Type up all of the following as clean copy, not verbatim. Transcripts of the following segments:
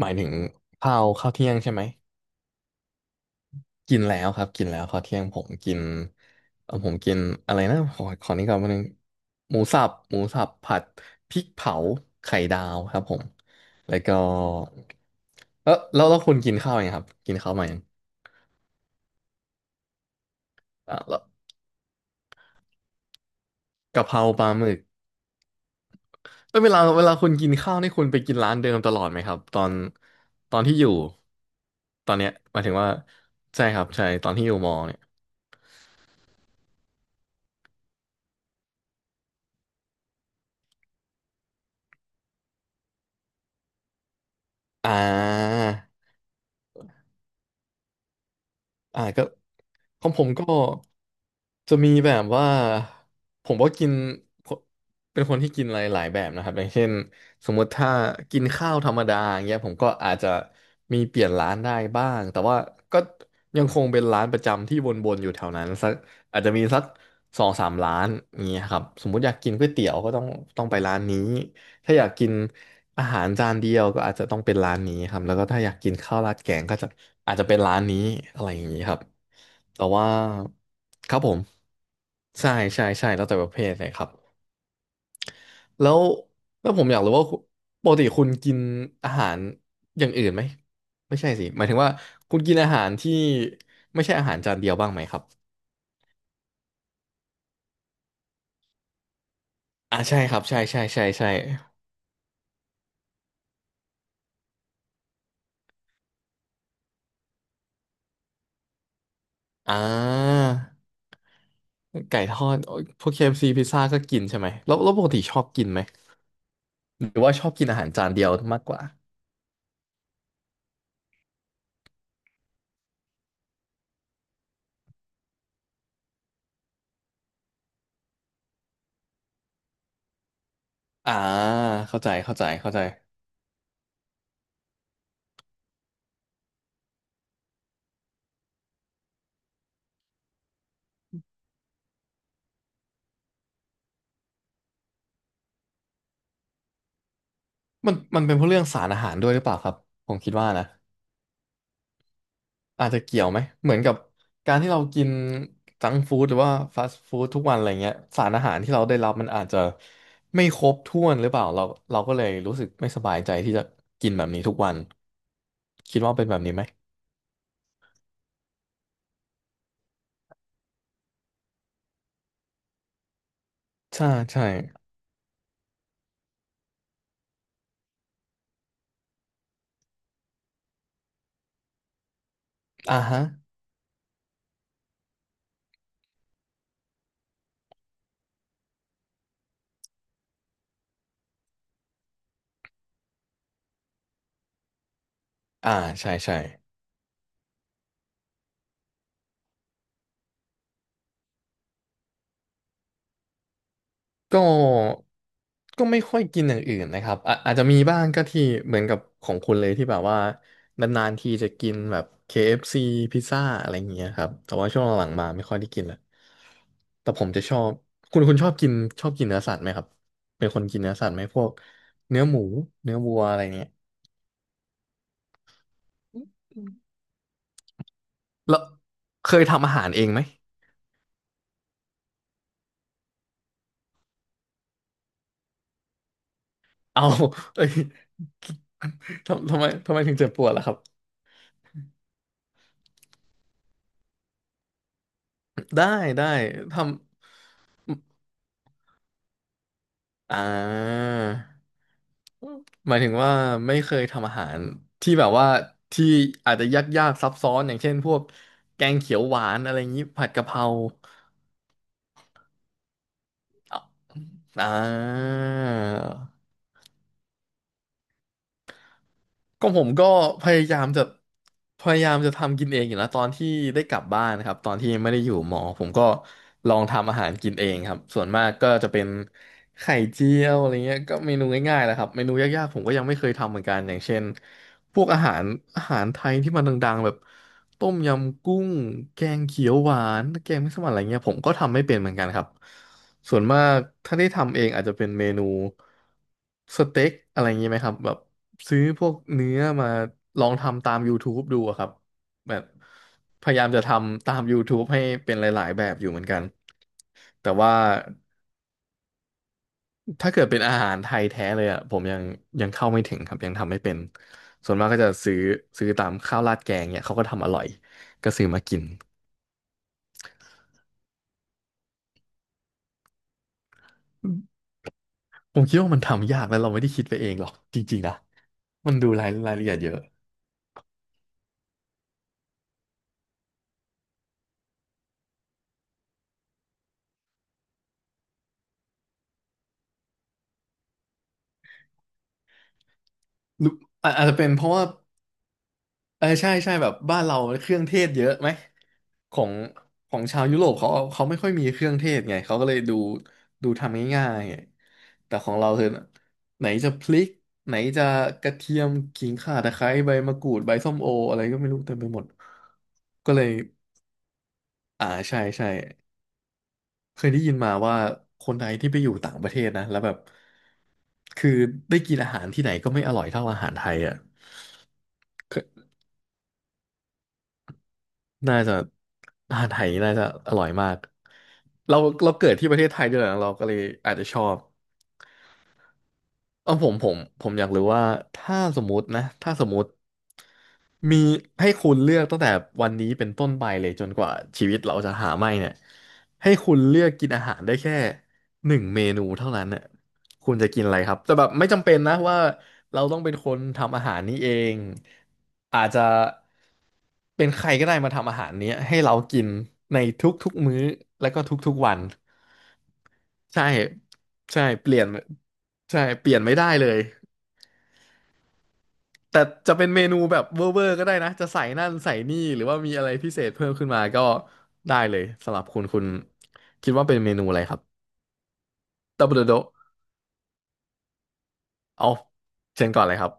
หมายถึงข้าวเที่ยงใช่ไหมกินแล้วครับกินแล้วข้าวเที่ยงผมกินผมกินอะไรนะขอนี้ก่อนวันนึงหมูสับผัดพริกเผาไข่ดาวครับผมแล้วก็แล้วคุณกินข้าวยังครับกินข้าวมายังอ่ะแล้วกะเพราปลาหมึกแล้วเวลาคุณกินข้าวนี่คุณไปกินร้านเดิมตลอดไหมครับตอนที่อยู่ตอนเนี้ยหมายถึงว่าใช่ครับใช่ตอนที่อยู่มอเนี่ยอ่า อ่าก็ของผมก็จะมีแบบว่าผมก็กินเป็นคนที่กินอะไรหลายแบบนะครับอย่างเช่นสมมติถ้ากินข้าวธรรมดาอย่างเงี้ยผมก็อาจจะมีเปลี่ยนร้านได้บ้างแต่ว่าก็ยังคงเป็นร้านประจำที่วนๆอยู่แถวนั้นสักอาจจะมีสักสองสามร้านอย่างเงี้ยครับสมมติอยากกินก๋วยเตี๋ยวก็ต้องไปร้านนี้ถ้าอยากกิน อาหารจานเดียวก็อาจจะต้องเป็นร้านนี้ครับแล้วก็ถ้าอยากกินข้าวราดแกงก็จะอาจจะเป็นร้านนี้อะไรอย่างนี้ครับแต่ว่าครับผมใช่ใช่ใช่แล้วแต่ประเภทเลยครับแล้วแล้วผมอยากรู้ว่าคุณปกติคุณกินอาหารอย่างอื่นไหมไม่ใช่สิหมายถึงว่าคุณกินอาหารที่ไม่ใช่อาหารจานเดียวบ้างไหมครับอ่าใช่ครับใช่ใช่ใช่ใช่อ่าไก่ทอดโอ๊ยพวกเคเอฟซีพิซซ่าก็กินใช่ไหมแล้วปกติชอบกินไหม หรือว่าชอบกินอาหารจานเดียวมากกว่าอ่าเข้าใจเข้าใจเข้าใจมันเป็นเพราะเรื่องสารอาหารด้วยหรือเปล่าครับผมคิดว่านะอาจจะเกี่ยวไหมเหมือนกับการที่เรากินจังก์ฟู้ดหรือว่าฟาสต์ฟู้ดทุกวันอะไรเงี้ยสารอาหารที่เราได้รับมันอาจจะไม่ครบถ้วนหรือเปล่าเราก็เลยรู้สึกไม่สบายใจที่จะกินแบบนี้ทุกวันคิดว่าเป็นแบบนี้ไหมใช่ใช่อ่าฮะอ่าใช่ใช่ ก็ก็ไม่ค่อยกินอย่างอื่นนะครับอะอาจจะมีบ้างก็ที่เหมือนกับของคุณเลยที่แบบว่านานๆทีจะกินแบบ KFC พิซซ่าอะไรอย่างเงี้ยครับแต่ว่าช่วงหลังๆมาไม่ค่อยได้กินละแต่ผมจะชอบคุณชอบกินเนื้อสัตว์ไหมครับเป็นคนกินเนื้อสัตว์ไหมพวกเนื้อหมูเนื้อวัวอะไรเงี้ยแล้วเคยทำอาหารเองไหม เอาเอ้ย ทำทำไมถึงเจ็บปวดล่ะครับได้ได้ทำอ่า หมายถึงว่าไม่เคยทำอาหารที่แบบว่าที่อาจจะยากๆซับซ้อนอย่างเช่นพวกแกงเขียวหวานอะไรอย่างนี้ผัดกะเพราอ่า ก็ผมก็พยายามจะพยายามจะทำกินเองอยู่นะตอนที่ได้กลับบ้านนะครับตอนที่ไม่ได้อยู่หมอผมก็ลองทำอาหารกินเองครับส่วนมากก็จะเป็นไข่เจียวอะไรเงี้ยก็เมนูง่ายๆแหละครับเมนูยากๆผมก็ยังไม่เคยทำเหมือนกันอย่างเช่นพวกอาหารไทยที่มันดังๆแบบต้มยำกุ้งแกงเขียวหวานแกงมัสมั่นอะไรเงี้ยผมก็ทำไม่เป็นเหมือนกันครับส่วนมากถ้าได้ทำเองอาจจะเป็นเมนูสเต็กอะไรเงงี้ยไหมครับแบบ ซื้อพวกเนื้อมาลองทำตาม YouTube ดูอะครับแบบพยายามจะทำตาม YouTube ให้เป็นหลายๆ แบบอยู่เหมือนกันแต่ว่าถ้าเกิดเป็นอาหารไทยแท้เลยอ่ะผมยังเข้าไม่ถึงครับยังทำไม่เป็นส่วนมากก็จะซื้อตามข้าวราดแกงเนี่ยเขาก็ทำอร่อยก็ซื้อมากินผมคิดว่ามันทำยากแล้วเราไม่ได้คิดไปเองหรอกจริงๆนะมันดูรายละเอียดเยอะหรืออาจจะเป็นเพราะว่า เออใช่ใช่แบบบ้านเราเครื่องเทศเยอะไหมของของชาวยุโรปเขาไม่ค่อยมีเครื่องเทศไงเขาก็เลยดูทำง่ายๆไงแต่ของเราคือไหนจะพริกไหนจะกระเทียมขิงข่าตะไคร้ใบมะกรูดใบส้มโออะไรก็ไม่รู้เต็มไปหมดก็เลยอ่าใช่ใช่เคยได้ยินมาว่าคนไทยที่ไปอยู่ต่างประเทศนะแล้วแบบคือได้กินอาหารที่ไหนก็ไม่อร่อยเท่าอาหารไทยอ่ะ น่าจะ อาหารไทยน่าจะอร่อยมาก เราเกิดที่ประเทศไทยด้วยนะเราก็เลยอาจจะชอบ ผมอยากรู้ว่าถ้าสมมตินะถ้าสมมติมีให้คุณเลือกตั้งแต่วันนี้เป็นต้นไปเลยจนกว่าชีวิตเราจะหาไม่เนี่ยให้คุณเลือกกินอาหารได้แค่1 เมนูเท่านั้นเนี่ยคุณจะกินอะไรครับแต่แบบไม่จำเป็นนะว่าเราต้องเป็นคนทำอาหารนี้เองอาจจะเป็นใครก็ได้มาทำอาหารเนี้ยให้เรากินในทุกๆมื้อแล้วก็ทุกๆวัน ใช่ใช่เปลี่ยนใช่เปลี่ยนไม่ได้เลยแต่จะเป็นเมนูแบบเวอร์เวอร์ก็ได้นะจะใส่นั่นใส่นี่หรือว่ามีอะไรพิเศษเพิ่มขึ้นมาก็ได้เลยสำหรับคุณคุณคิดว่าเป็นเมนูอะไรครับตับเดโดเอาเชิญก่อนเลยครับ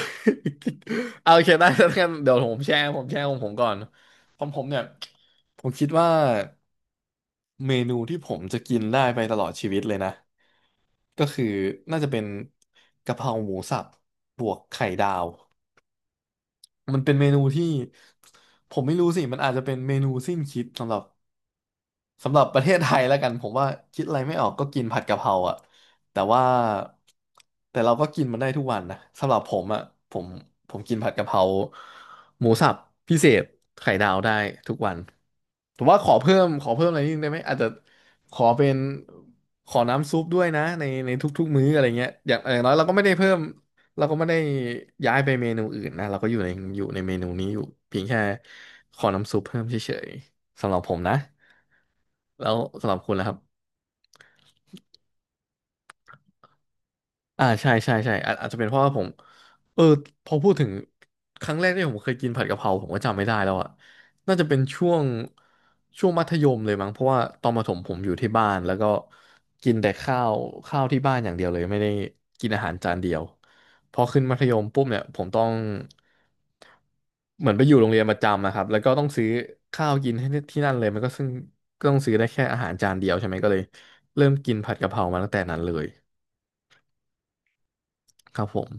เอาโอเคได้แล้วกันเดี๋ยวผมแชร์ของผมก่อนของผมเนี่ยผมคิดว่าเมนูที่ผมจะกินได้ไปตลอดชีวิตเลยนะก็คือน่าจะเป็นกะเพราหมูสับบวกไข่ดาว มันเป็นเมนูที่ผมไม่รู้สิ มันอาจจะเป็นเมนูสิ้นคิดสำหรับ สำหรับประเทศไทยแล้วกันผมว่าคิดอะไรไม่ออกก็กินผัดกะเพราอ่ะแต่ว่าแต่เราก็กินมันได้ทุกวันนะสำหรับผมอ่ะผมผมกินผัดกะเพราหมูสับพิเศษไข่ดาวได้ทุกวันแต่ว่าขอเพิ่มอะไรนิดนึงได้ไหมอาจจะขอเป็นขอน้ำซุปด้วยนะในทุกๆมื้ออะไรเงี้ยอย่างน้อยเราก็ไม่ได้เพิ่มเราก็ไม่ได้ย้ายไปเมนูอื่นนะเราก็อยู่ในเมนูนี้อยู่เพียงแค่ขอน้ำซุปเพิ่มเฉยๆสำหรับผมนะ แล้วสำหรับคุณล่ะครับ อ่าใช่ใช่ใช่อาจจะเป็นเพราะว่าผมเออพอพูดถึงครั้งแรกที่ผมเคยกินผัดกะเพราผมก็จำไม่ได้แล้วอ่ะน่าจะเป็นช่วงมัธยมเลยมั้งเพราะว่าตอนประถมผมอยู่ที่บ้านแล้วก็กินแต่ข้าวที่บ้านอย่างเดียวเลยไม่ได้กินอาหารจานเดียวพอขึ้นมัธยมปุ๊บเนี่ยผมต้องเหมือนไปอยู่โรงเรียนประจำนะครับแล้วก็ต้องซื้อข้าวกินให้ที่นั่นเลยมันก็ซึ่งก็ต้องซื้อได้แค่อาหารจานเดียวใช่ไหมก็เลยเริ่มกินผัดกะเพรามาตั้งแต่นั้นเลยครับผม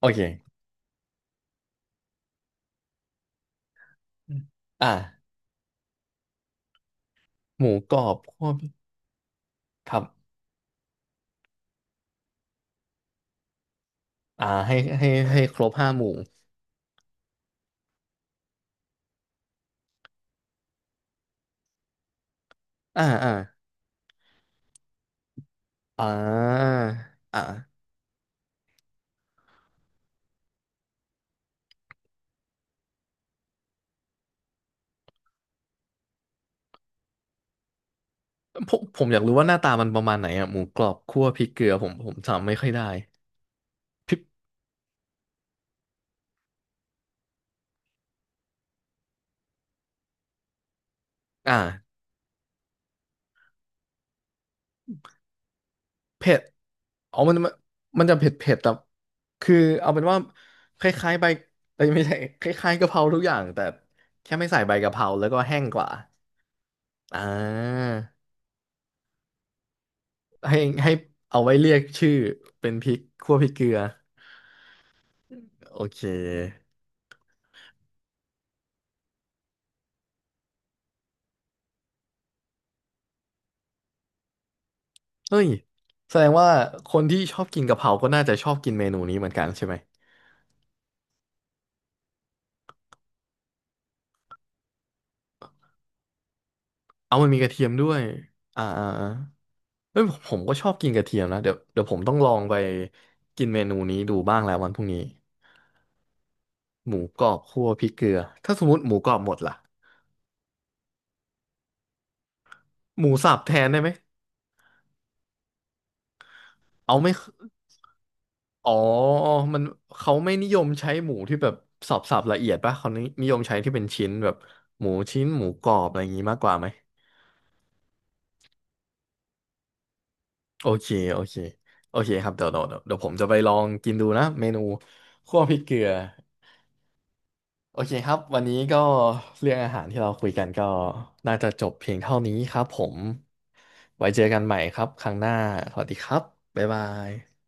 โอเคอมอ่าหมูกรอบคั่วพริกครับอ่าให้ครบ5 หมู่อ่าอ่าอ่าอ่าผมอยากรู้ว่าหน้าตามันประมาณไหนอ่ะหมูกรอบคั่วพริกเกลือผมจำไม่ค่อยได้พริกอ่าเผ็ดอ๋อมันจะเผ็ดเผ็ดแต่ คือเอาเป็นว่าคล้ายๆใบเอ้ยไม่ใช่คล้ายๆกะเพราทุกอย่างแต่แค่ไม่ใส่ใบกะเพราแล้วก็แห้งกว่าอ่าให้เอาไว้เรียกชื่อเป็นพริกคั่วพริกเกลือ โอเคเฮ้ยแสดงว่าคนที่ชอบกินกะเพราก็น่าจะชอบกินเมนูนี้เหมือนกันใช่ไหมเอามันมีกระเทียมด้วยอ่าอ่าอ่าเฮ้ยผมก็ชอบกินกระเทียมนะเดี๋ยวเดี๋ยวผมต้องลองไปกินเมนูนี้ดูบ้างแล้ววันพรุ่งนี้หมูกรอบคั่วพริกเกลือ ถ้าสมมติหมูกรอบหมดล่ะหมูสับแทนได้ไหมเอาไม่อ๋อมันเขาไม่นิยมใช้หมูที่แบบสับละเอียดป่ะเขานิยมใช้ที่เป็นชิ้นแบบหมูชิ้นหมูกรอบอะไรอย่างงี้มากกว่าไหม โอเค โอเค โอเคครับเดี๋ยวผมจะไปลองกินดูนะ เมนูคั่วพริกเกลือ โอเคครับ วันนี้ก็เรื่องอาหารที่เราคุยกันก็น่าจะจบเพียงเท่านี้ครับผม ไว้เจอกันใหม่ครับ ครั้งหน้าสวัสดีครับ บ๊ายบาย